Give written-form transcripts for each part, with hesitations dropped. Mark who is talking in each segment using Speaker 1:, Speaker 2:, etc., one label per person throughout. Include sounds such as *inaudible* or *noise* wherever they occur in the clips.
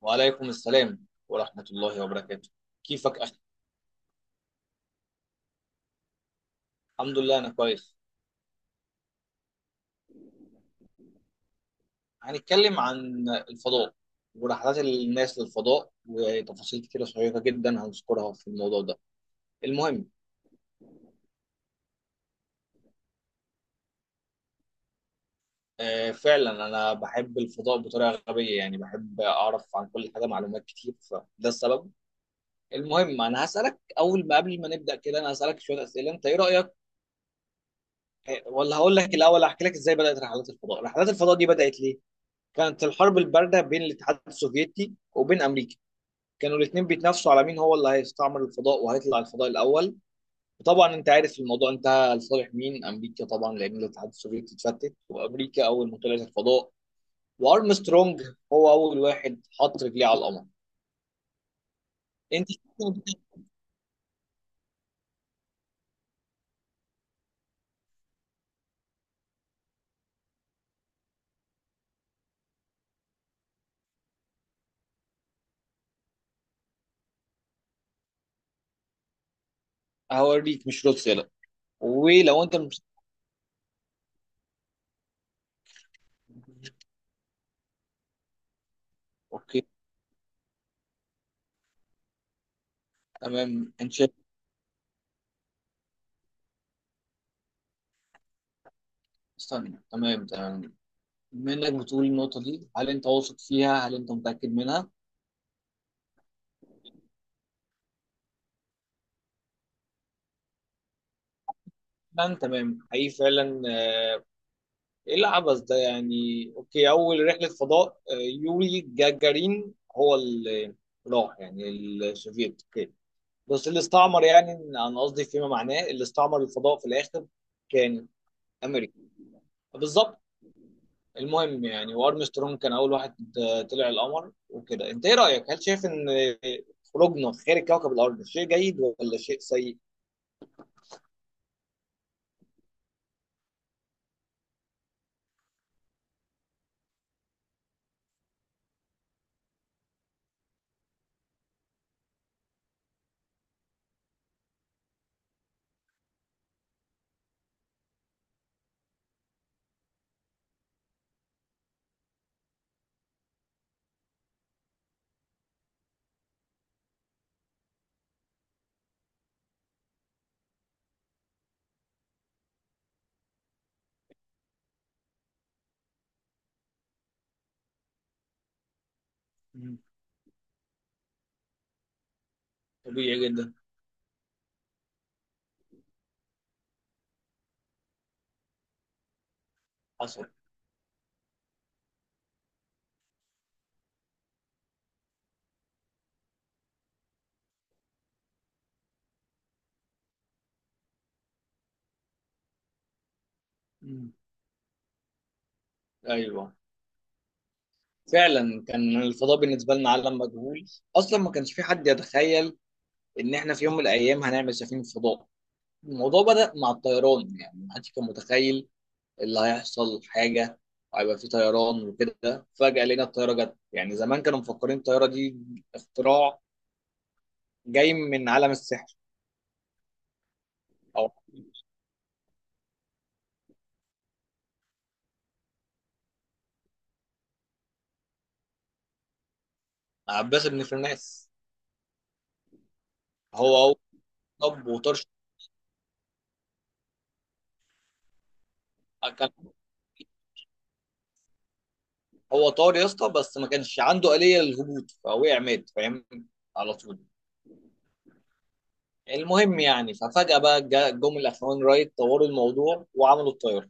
Speaker 1: وعليكم السلام ورحمة الله وبركاته، كيفك أخي؟ الحمد لله أنا كويس. هنتكلم عن الفضاء ورحلات الناس للفضاء وتفاصيل كتيرة شيقة جدا هنذكرها في الموضوع ده. المهم، آه فعلا أنا بحب الفضاء بطريقة غبية، يعني بحب أعرف عن كل حاجة معلومات كتير، فده السبب. المهم، أنا هسألك أول، ما قبل ما نبدأ كده أنا هسألك شوية أسئلة، أنت إيه رأيك؟ ولا هقول لك الأول أحكي لك إزاي بدأت رحلات الفضاء. رحلات الفضاء دي بدأت ليه؟ كانت الحرب البارده بين الاتحاد السوفيتي وبين امريكا، كانوا الاثنين بيتنافسوا على مين هو اللي هيستعمر الفضاء وهيطلع الفضاء الاول. وطبعا انت عارف الموضوع انتهى لصالح مين، امريكا طبعا، لان الاتحاد السوفيتي اتفتت، وامريكا اول ما طلعت الفضاء وارمسترونج هو اول واحد حط رجليه على القمر. انت هوريك مش روسيا لا، ولو انت مش. اوكي، تمام. انت شايف، استنى، تمام تمام، بما انك بتقول النقطه دي هل انت واثق فيها؟ هل انت متاكد منها؟ تمام تمام، حقيقي فعلا. ايه العبث ده يعني؟ اوكي، اول رحله فضاء يوري جاجارين هو اللي راح، يعني السوفيت. اوكي، بس اللي استعمر، يعني انا قصدي فيما معناه اللي استعمر الفضاء في الاخر كان امريكا. بالظبط. المهم يعني وارمسترونج كان اول واحد طلع القمر وكده. انت ايه رايك، هل شايف ان خروجنا خارج كوكب الارض شيء جيد ولا شيء سيء؟ مم. طبيعي جدا. حصل. مم. ايوه، فعلا كان الفضاء بالنسبة لنا عالم مجهول. أصلا ما كانش في حد يتخيل إن إحنا في يوم من الأيام هنعمل سفينة فضاء. الموضوع بدأ مع الطيران، يعني ما حدش كان متخيل اللي هيحصل، حاجة هيبقى في طيران وكده. فجأة لقينا الطيارة جت، يعني زمان كانوا مفكرين الطيارة دي اختراع جاي من عالم السحر. أو عباس بن فرناس. هو، طب وطرش، كان هو طار يا اسطى بس ما كانش عنده آلية للهبوط فوقع مات، فاهم، على طول. المهم يعني ففجأة بقى جم الأخوان رايت طوروا الموضوع وعملوا الطيارة.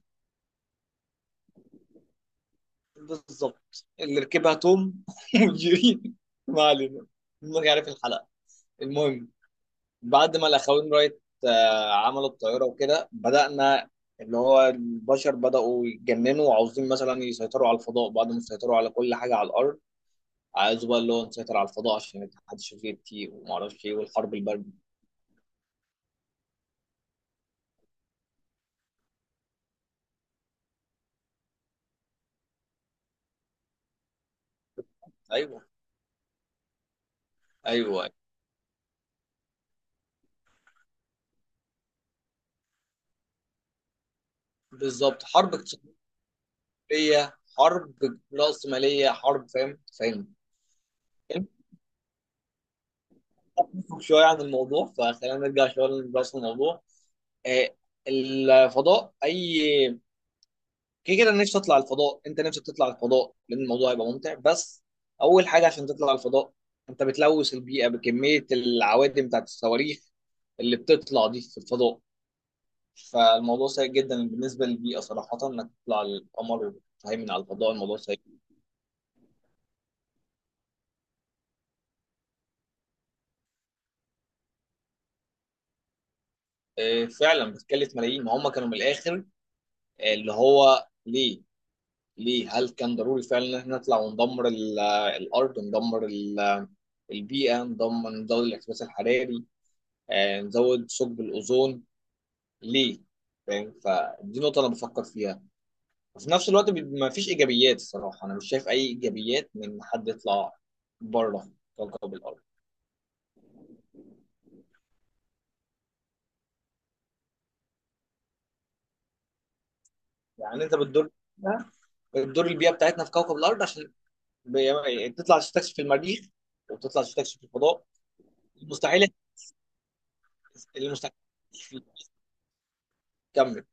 Speaker 1: بالظبط، اللي ركبها توم *laughs* وجيري. ما علينا، ما يعرف الحلقة. المهم، بعد ما الأخوان رايت عملوا الطيارة وكده بدأنا، اللي هو البشر بدأوا يتجننوا وعاوزين مثلا يسيطروا على الفضاء بعد ما سيطروا على كل حاجة على الأرض. عايزوا بقى اللي هو نسيطر على الفضاء عشان الاتحاد السوفيتي وما اعرفش ايه والحرب الباردة. ايوه، ايوه، بالظبط. حرب ليا، حرب رأسمالية، حرب، فاهم فاهم. انت تفهم شوية عن الموضوع، فخلينا نرجع شوية لرأس الموضوع. آه، الفضاء أي كده كده. أنا نفسي أطلع الفضاء، أنت نفسك تطلع الفضاء، لأن الموضوع هيبقى ممتع. بس أول حاجة عشان تطلع الفضاء أنت بتلوث البيئة بكمية العوادم بتاعت الصواريخ اللي بتطلع دي في الفضاء. فالموضوع سيء جدا بالنسبة للبيئة صراحة، إنك تطلع القمر وتهيمن على الفضاء، الموضوع سيء. فعلا بتكلف ملايين. ما هم كانوا من الآخر اللي هو ليه؟ ليه، هل كان ضروري فعلا ان احنا نطلع وندمر الارض، وندمر البيئه، ندمر، نزود الاحتباس الحراري، نزود ثقب الاوزون؟ ليه؟ فاهم، فدي نقطه انا بفكر فيها. وفي نفس الوقت ما فيش ايجابيات الصراحه، انا مش شايف اي ايجابيات من حد يطلع بره كوكب الارض. يعني انت بتدور البيئه بتاعتنا في كوكب الارض عشان يعني تطلع تستكشف المريخ وتطلع تستكشف الفضاء. المستحيل، المستحيل. كمل.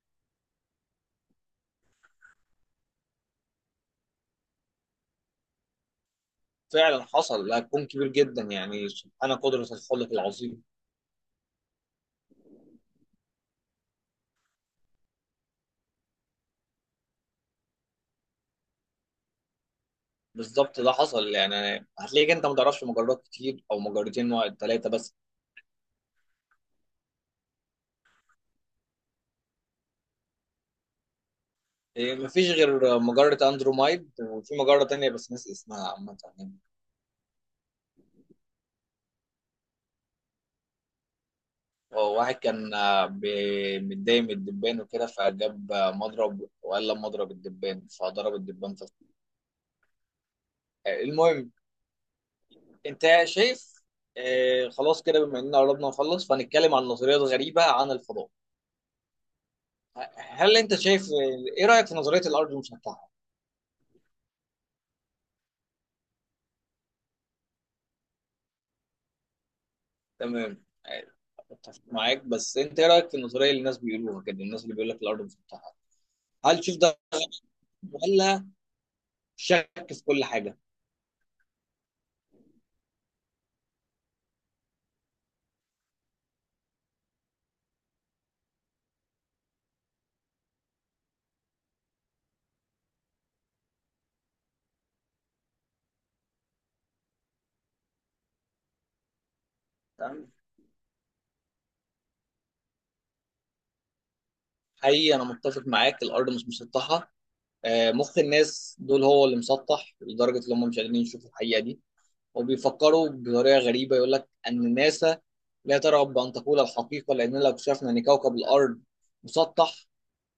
Speaker 1: فعلا حصل ده، هتكون كبير جدا، يعني سبحان قدرة الخلق العظيم. بالظبط، ده حصل، يعني هتلاقيك انت ما تعرفش مجرات كتير، او مجرتين، واحد، ثلاثة بس. إيه، مفيش غير مجرة اندرومايد وفي مجرة تانية بس ناس اسمها عامة يعني. هو واحد كان متضايق من الدبان وكده، فجاب مضرب وقال لما اضرب الدبان، فضرب الدبان في. المهم. انت شايف، خلاص كده، بما اننا قربنا نخلص فهنتكلم عن نظريات غريبة عن الفضاء. هل انت شايف، ايه رايك في نظريه الارض المسطحه؟ تمام، اتفق معاك، بس انت ايه رايك في النظريه اللي الناس بيقولوها كده، الناس اللي بيقول لك الارض مسطحه؟ هل تشوف ده، ولا شك في كل حاجه؟ تمام، حقيقي انا متفق معاك الارض مش مسطحه. مخ الناس دول هو اللي مسطح لدرجه ان هم مش قادرين يشوفوا الحقيقه دي، وبيفكروا بطريقه غريبه. يقول لك ان ناسا لا ترغب بان تقول الحقيقه لان لو اكتشفنا ان كوكب الارض مسطح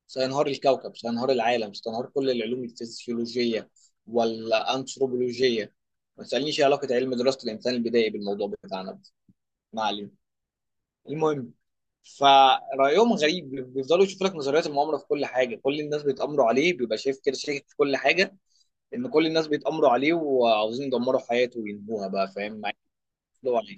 Speaker 1: سينهار الكوكب، سينهار العالم، سينهار كل العلوم الفسيولوجية والأنثروبولوجية. ما تسألنيش إيه علاقة علم دراسة الإنسان البدائي بالموضوع بتاعنا ده، ما علينا. المهم، فرأيهم غريب، بيفضلوا يشوفوا لك نظريات المؤامرة في كل حاجة، كل الناس بيتآمروا عليه، بيبقى شايف كده شاكك في كل حاجة، إن كل الناس بيتآمروا عليه وعاوزين يدمروا حياته وينهوها بقى، فاهم، مع إنه عليه.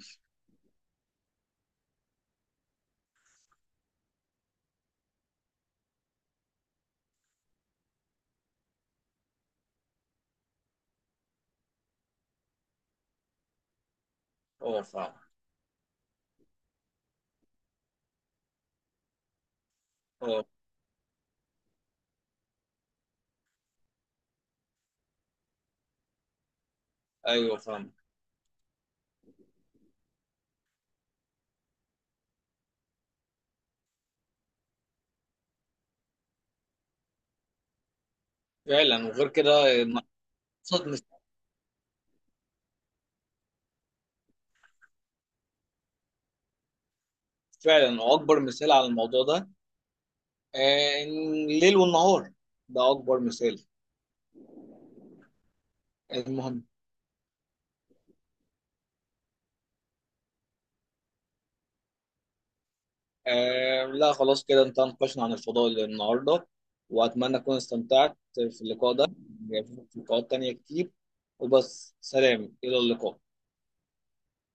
Speaker 1: أه فاهم. أه. أيوه فاهم. فعلا، وغير كده أبسط مثال. فعلا، وأكبر مثال على الموضوع ده الليل والنهار، ده أكبر مثال. المهم، لا خلاص كده، انت ناقشنا عن الفضاء النهاردة، وأتمنى أكون استمتعت في اللقاء ده. يعني في لقاءات تانية كتير، وبس سلام، إلى اللقاء.